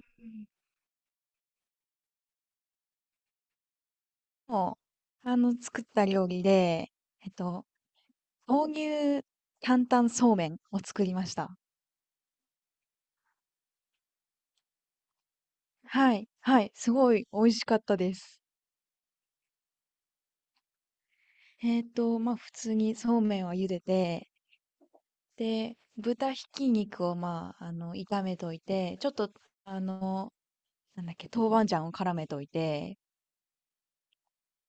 うん、もう、あの、作った料理で、えっと、豆乳担々そうめんを作りました。はい、はい、すごい美味しかったです。まあ、普通にそうめんを茹でて、で、豚ひき肉を、まあ、炒めといて、ちょっと、あの、なんだっけ、豆板醤を絡めといて、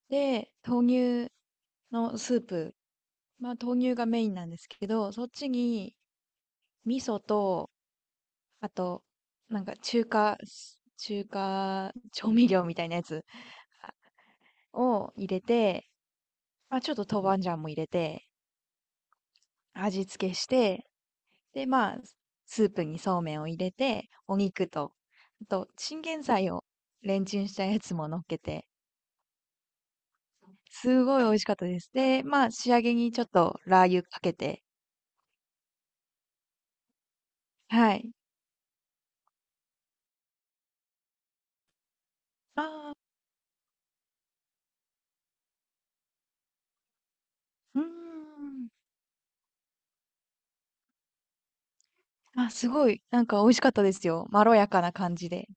で、豆乳のスープ、まあ、豆乳がメインなんですけど、そっちに、味噌と、あと、なんか中華調味料みたいなやつあを入れて、まあ、ちょっと豆板醤も入れて、味付けして、で、まあ、スープにそうめんを入れて、お肉と、あと、チンゲン菜をレンチンしたやつも乗っけて、すごい美味しかったです。で、まあ、仕上げにちょっとラー油かけて、はい。ああ、うーん。あ、すごい、なんか美味しかったですよ。まろやかな感じで。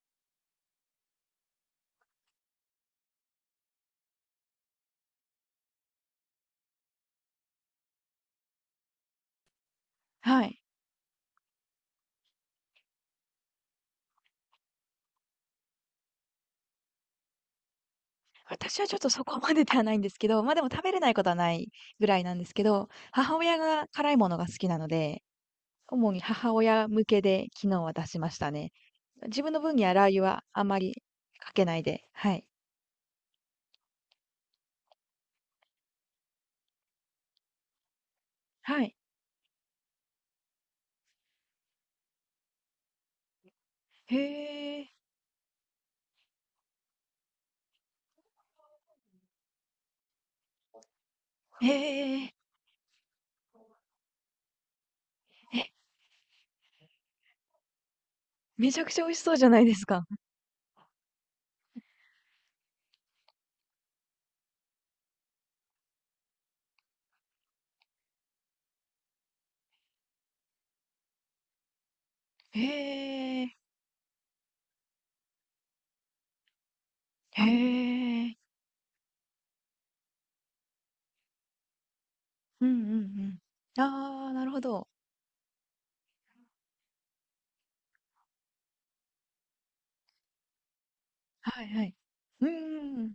はい。私はちょっとそこまでではないんですけど、ま、あでも食べれないことはないぐらいなんですけど、母親が辛いものが好きなので、主に母親向けで昨日は出しましたね。自分の分にはラー油はあまりかけないで、はい。はい。へえ。えへえ、めちゃくちゃ美味しそうじゃないですか。へえ。へえ。うんうんうん。ああ、なるほど。はいはい。うんうんうん。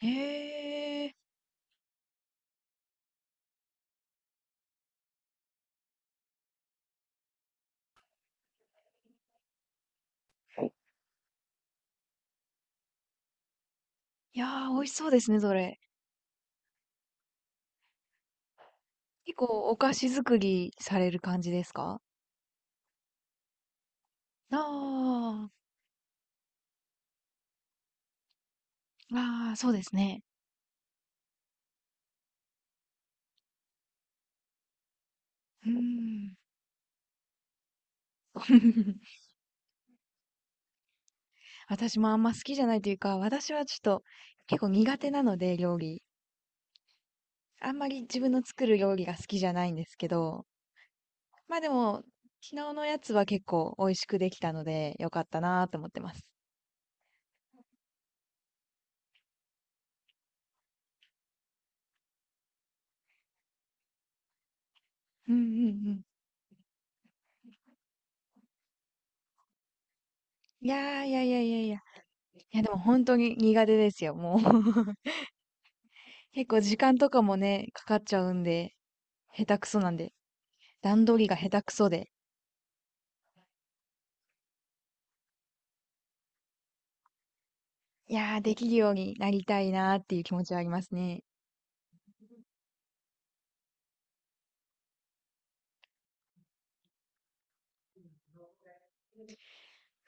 へえ。いやー、美味しそうですね、それ。結構お菓子作りされる感じですか？ああ、ああ、そうですね。うーん。私もあんま好きじゃないというか、私はちょっと結構苦手なので、料理。あんまり自分の作る料理が好きじゃないんですけど、まあでも、昨日のやつは結構美味しくできたので、よかったなと思ってます。うんうんうん。いやーいやいやいやいや。いやでも本当に苦手ですよ、もう。結構時間とかもね、かかっちゃうんで、下手くそなんで。段取りが下手くそで、いやー、できるようになりたいなーっていう気持ちはありますね。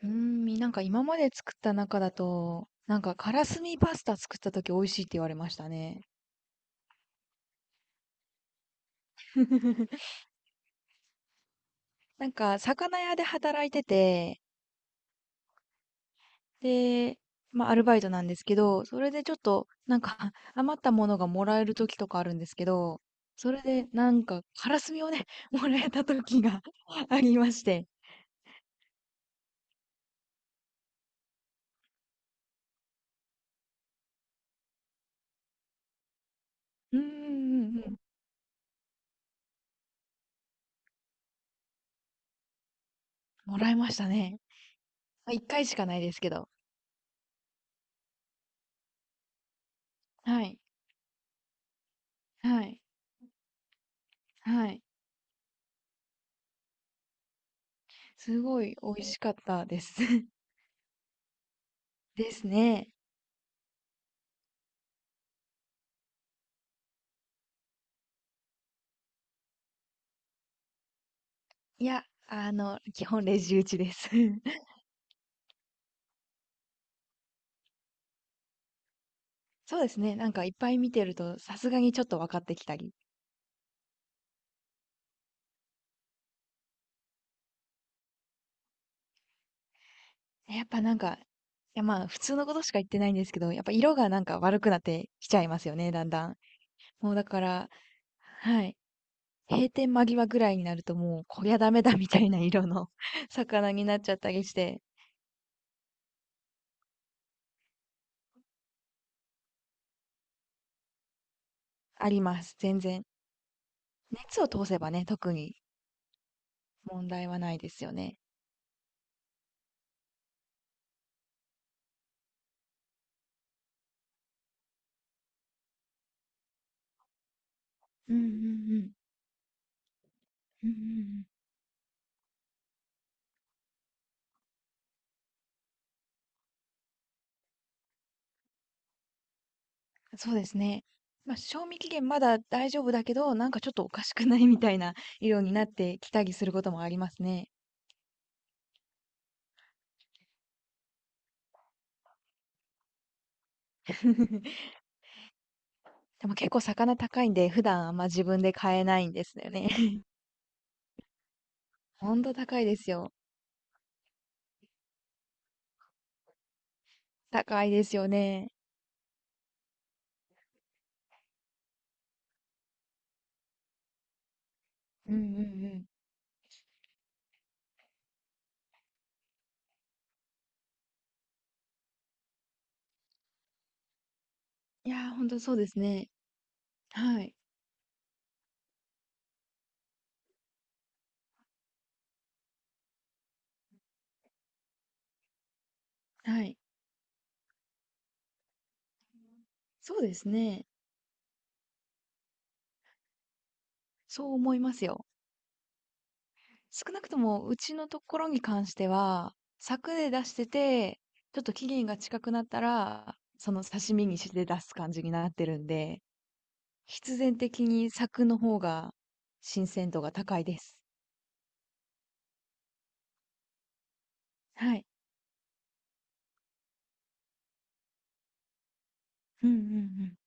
うーん、なんか今まで作った中だと、なんかカラスミパスタ作った時美味しいって言われましたね。なんか魚屋で働いてて、で、まあアルバイトなんですけど、それでちょっとなんか 余ったものがもらえる時とかあるんですけど、それでなんかカラスミをね、もらえた時が ありまして。うーんうんうん、もらえましたね。まあ一回しかないですけど。はい、はい、はい。すごい美味しかったです。ですね。いや、基本レジ打ちです。そうですね。なんかいっぱい見てると、さすがにちょっと分かってきたり。やっぱなんか、いやまあ普通のことしか言ってないんですけど、やっぱ色がなんか悪くなってきちゃいますよね、だんだん。もうだから、はい。閉店間際ぐらいになるともう、こりゃダメだみたいな色の 魚になっちゃったりして、あります。全然。熱を通せばね、特に問題はないですよね。うんうんうん。うんうんうん。そうですね。まあ、賞味期限まだ大丈夫だけど、なんかちょっとおかしくないみたいな色になってきたりすることもありますね。でも結構魚高いんで、普段あんま自分で買えないんですよね。ほんと高いですよ。高いですよね。うんうんうん。いやー、ほんとそうですね。はい、はい。そうですね。そう思いますよ。少なくともうちのところに関しては、柵で出してて、ちょっと期限が近くなったら、その刺身にして出す感じになってるんで、必然的に柵の方が新鮮度が高いです。はい。うんうん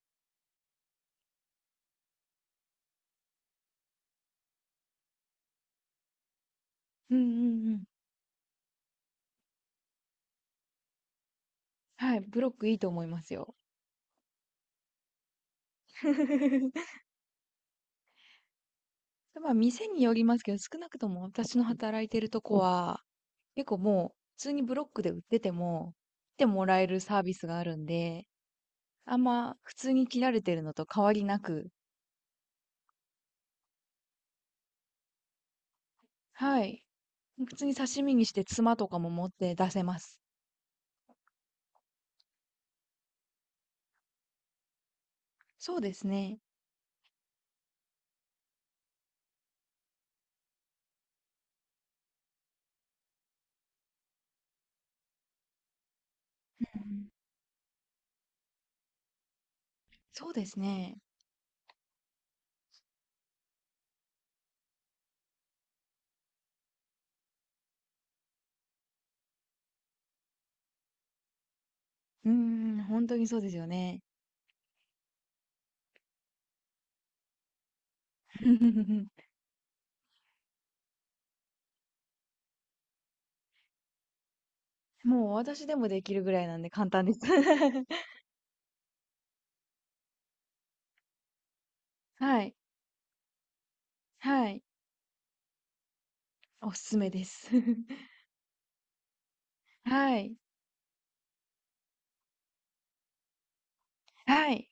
うん。うんうんうん。はい、ブロックいいと思いますよ。まあ店によりますけど、少なくとも私の働いてるとこは、結構もう普通にブロックで売ってても、来てもらえるサービスがあるんで、あんま普通に切られてるのと変わりなく、はい。普通に刺身にしてツマとかも持って出せます。そうですね。うん。そうですね。うーん、本当にそうですよね。もう私でもできるぐらいなんで簡単です。はい、はい。おすすめです。はい、はい。